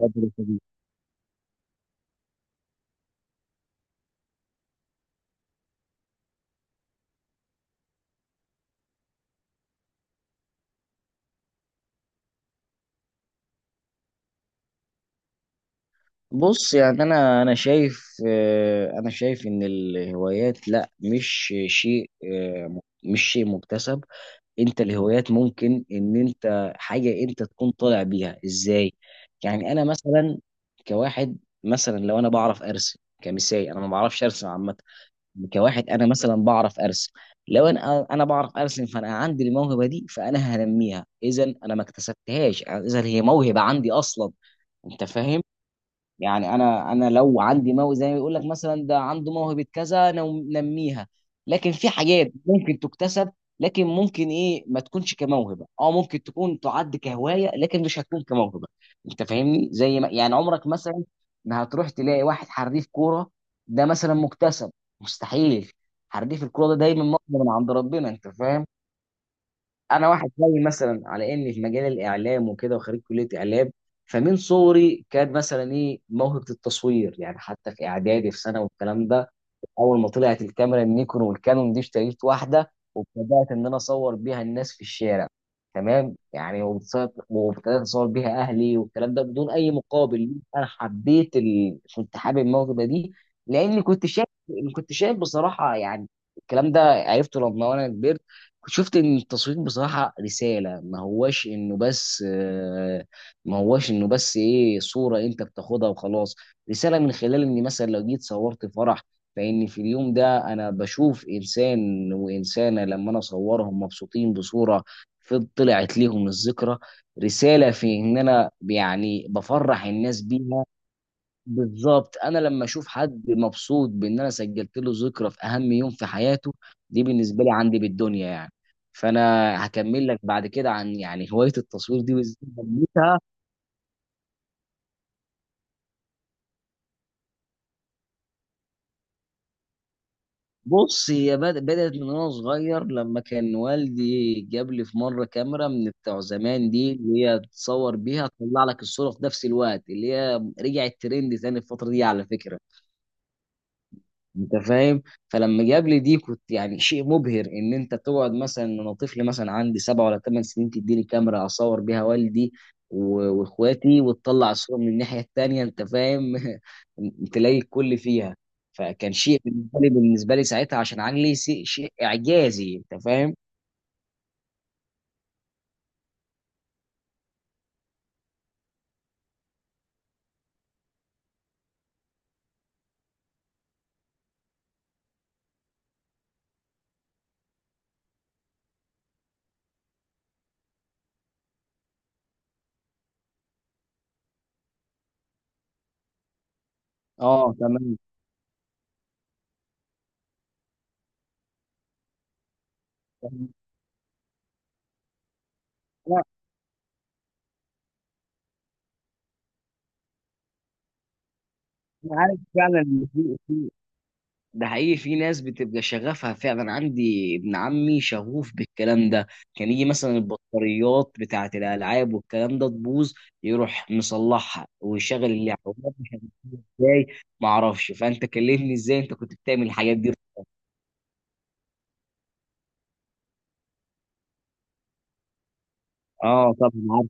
اتفضل يا صديقي. بص يعني انا شايف، انا شايف ان الهوايات، لا، مش شيء، مش شيء مكتسب. انت الهوايات ممكن، ان انت حاجه انت تكون طالع بيها ازاي. يعني انا مثلا كواحد، مثلا لو انا بعرف ارسم كمثال، انا ما بعرفش ارسم عامه. يعني كواحد انا مثلا بعرف ارسم، لو انا بعرف ارسم فانا عندي الموهبه دي، فانا هنميها اذا انا ما اكتسبتهاش، اذا هي موهبه عندي اصلا. انت فاهم؟ يعني انا لو عندي موهبه، زي ما بيقول لك مثلا ده عنده موهبه كذا، نميها. لكن في حاجات ممكن تكتسب، لكن ممكن ايه ما تكونش كموهبه، ممكن تكون تعد كهوايه لكن مش هتكون كموهبه. انت فاهمني؟ زي ما يعني عمرك مثلا ما هتروح تلاقي واحد حريف كوره، ده مثلا مكتسب؟ مستحيل. حريف الكوره ده دايما مقدم من عند ربنا. انت فاهم؟ انا واحد زي مثلا، على اني في مجال الاعلام وكده، وخريج كليه اعلام. فمن صغري كان مثلا ايه، موهبه التصوير، يعني حتى في اعدادي في سنه والكلام ده. اول ما طلعت الكاميرا النيكون والكانون دي، اشتريت واحده وابتدات ان انا اصور بيها الناس في الشارع. تمام يعني، وابتدات اصور بيها اهلي والكلام ده بدون اي مقابل. انا حبيت كنت حابب الموهبه دي، لاني كنت شايف بصراحه يعني. الكلام ده عرفته لما انا كبرت. كنت شفت ان التصوير بصراحه رساله، ما هواش انه بس آه، ما هواش انه بس ايه صوره انت بتاخدها وخلاص. رساله، من خلال اني مثلا لو جيت صورت فرح، لان في اليوم ده انا بشوف انسان وانسانه، لما انا اصورهم مبسوطين بصوره في طلعت ليهم الذكرى، رساله في ان انا يعني بفرح الناس بيها. بالظبط، انا لما اشوف حد مبسوط بان انا سجلت له ذكرى في اهم يوم في حياته، دي بالنسبه لي عندي بالدنيا يعني. فانا هكمل لك بعد كده عن يعني هوايه التصوير دي بالذات. بص، هي بدأت من وانا صغير، لما كان والدي جاب لي في مره كاميرا من بتوع زمان دي، اللي هي تصور بيها تطلع لك الصوره في نفس الوقت، اللي هي رجعت ترند تاني الفتره دي على فكره. انت فاهم؟ فلما جاب لي دي كنت يعني شيء مبهر، ان انت تقعد مثلا إن انا طفل مثلا عندي 7 ولا 8 سنين تديني كاميرا اصور بيها والدي واخواتي، وتطلع الصوره من الناحيه التانيه، انت فاهم؟ تلاقي الكل فيها. فكان شيء بالنسبه لي ساعتها، عشان عقلي شيء اعجازي، انت فاهم؟ اه، تمام. انا عارف فعلا ان في ده حقيقي، في ناس بتبقى شغفها فعلا. عندي ابن عمي شغوف بالكلام ده، كان يجي مثلا البطاريات بتاعة الألعاب والكلام ده تبوظ، يروح مصلحها ويشغل اللعبة وما فيش. ازاي؟ ما اعرفش، فأنت كلمني ازاي انت كنت بتعمل الحاجات دي. اه، طبعا عارف.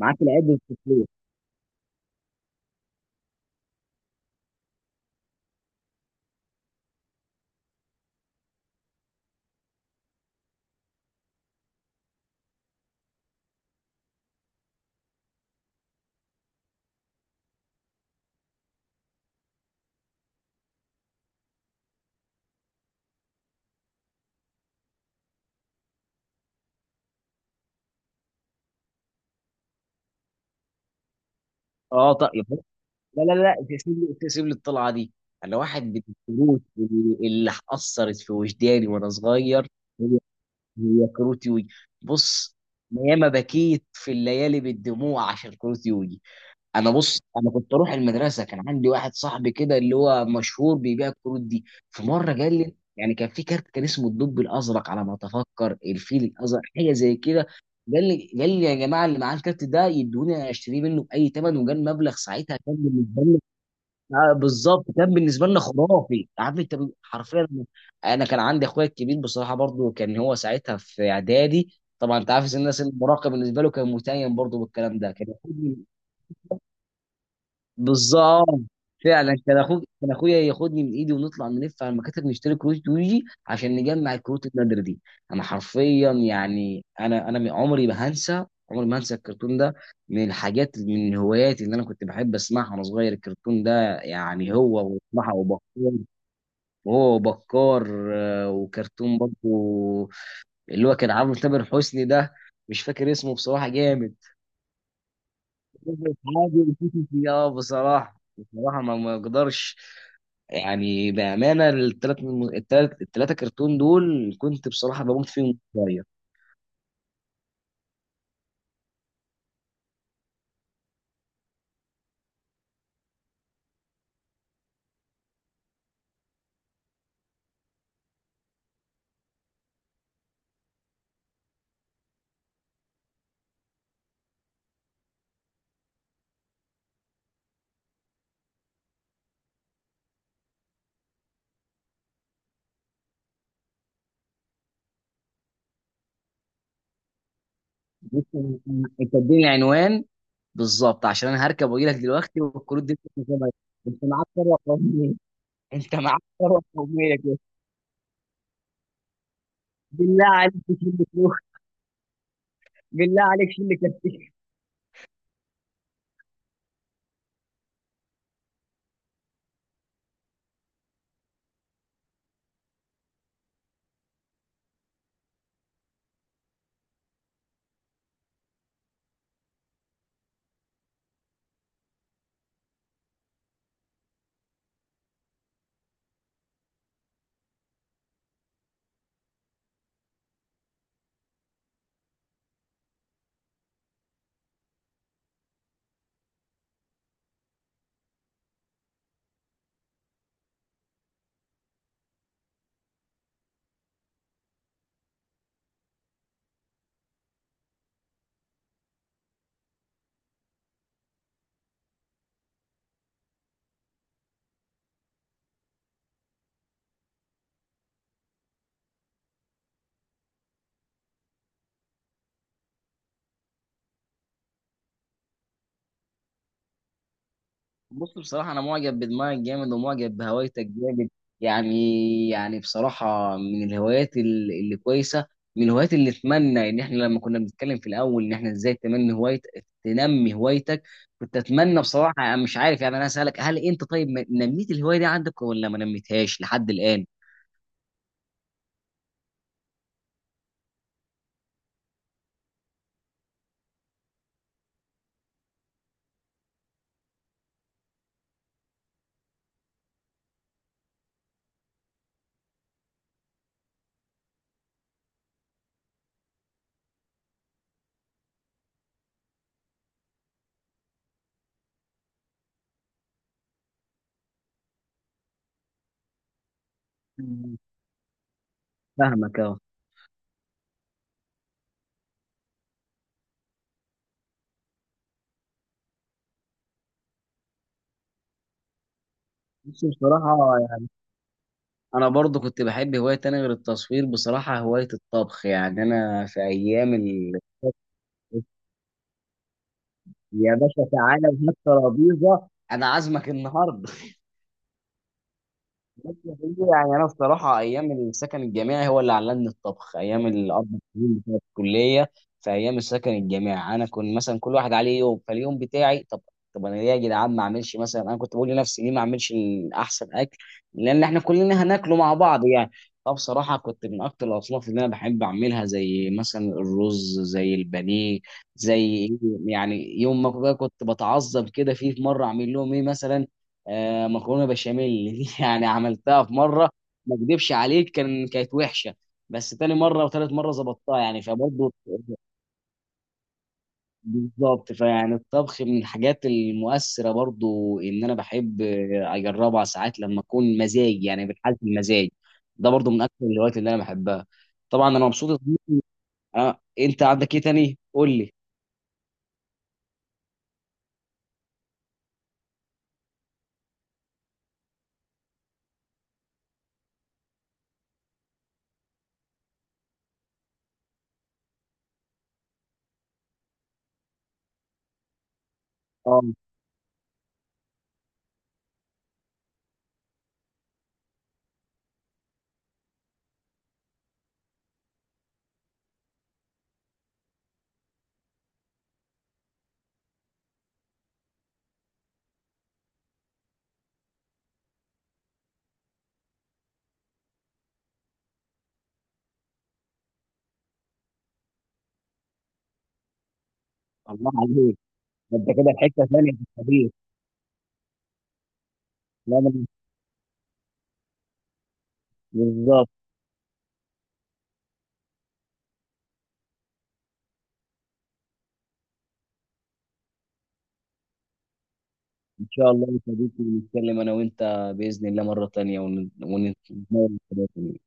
معاك العيب والكفاية. اه، طب. لا، لا، لا، تسيب لي الطلعة دي. أنا واحد من الكروت اللي أثرت في وجداني وأنا صغير. هي كروتي وي. بص، أنا ياما بكيت في الليالي بالدموع عشان كروتي وي. انا، بص، انا كنت اروح المدرسه، كان عندي واحد صاحبي كده اللي هو مشهور بيبيع الكروت دي. في مره قال لي يعني، كان في كارت كان اسمه الدب الازرق، على ما اتفكر الفيل الازرق، حاجه زي كده. قال لي يا جماعه، اللي معاه الكارت ده يدوني اشتريه منه باي ثمن، وقال مبلغ ساعتها كان بالنسبه، آه، بالظبط، كان بالنسبه لنا خرافي، عارف انت، حرفيا. انا كان عندي اخويا الكبير بصراحه، برضو كان هو ساعتها في اعدادي. طبعا انت عارف ان الناس المراهقه بالنسبه له، كان متيم برضو بالكلام ده كان. بالظبط. فعلا، كان اخوك، كان اخويا ياخدني من ايدي، ونطلع نلف على المكاتب نشتري كروت يوجي عشان نجمع الكروت النادره دي. انا حرفيا يعني، انا عمري ما هنسى الكرتون ده. من الهوايات اللي انا كنت بحب اسمعها وانا صغير، الكرتون ده. يعني هو، واسمعها وبكار، وهو وبكار آه، وكرتون برضه، اللي هو كان عامل تامر حسني ده، مش فاكر اسمه بصراحه، جامد. عادل. اه، بصراحه ما اقدرش، يعني بامانه ال3 كرتون دول كنت بصراحه بموت فيهم شويه. بص، أنت اديني عنوان بالظبط، عشان انا هركب واجي لك دلوقتي. والكروت دي بتبقى انت معاك ثروه قوميه انت معاك ثروه قوميه كده. بالله عليك، شيل لي فلوس. بالله عليك، شيل لي كده. بص، بصراحة أنا معجب بدماغك جامد، ومعجب بهوايتك جامد. يعني بصراحة، من الهوايات اللي كويسة، من الهوايات اللي أتمنى، إن إحنا لما كنا بنتكلم في الأول إن إحنا إزاي تنمي هوايتك. كنت أتمنى بصراحة، أنا مش عارف يعني. أنا أسألك، هل أنت، طيب، نميت الهواية دي عندك، ولا ما نميتهاش لحد الآن؟ مم. فاهمك، أه. بص، بصراحة انا برضو كنت بحب هواية تانية غير التصوير، بصراحة هواية الطبخ. يعني انا في ايام يا باشا، تعالى وهات ترابيزه. انا عازمك النهارده. يعني انا الصراحه، ايام السكن الجامعي هو اللي علمني الطبخ، ايام الـ4 سنين بتوع الكليه. في ايام السكن الجامعي انا كنت مثلا، كل واحد عليه يوم، فاليوم بتاعي طب. طب انا ليه يا جدعان ما اعملش مثلا، انا كنت بقول لنفسي ليه ما اعملش احسن اكل؟ لان احنا كلنا هناكله مع بعض يعني. فبصراحه، كنت من اكتر الاصناف اللي انا بحب اعملها، زي مثلا الرز، زي البانيه، زي يعني يوم ما كنت بتعذب كده فيه، في مره اعمل لهم ايه مثلا؟ مكرونه بشاميل. دي يعني عملتها في مره، ما اكدبش عليك، كانت وحشه. بس تاني مره وتالت مره ظبطتها، يعني فبرضه. بالظبط. فيعني الطبخ من الحاجات المؤثره برضه، ان انا بحب اجربها ساعات لما اكون مزاج، يعني بالحالة المزاج. ده برضه من اكثر الهوايات اللي انا بحبها. طبعا انا مبسوط يا صديقي. آه، انت عندك ايه تاني، قول لي. اه. الله عليك! ده انت كده في حته ثانيه في الحديث. لا، بالظبط. إن شاء الله يا صديقي، نتكلم أنا وأنت بإذن الله مرة تانية، ونتناول الحاجات دي.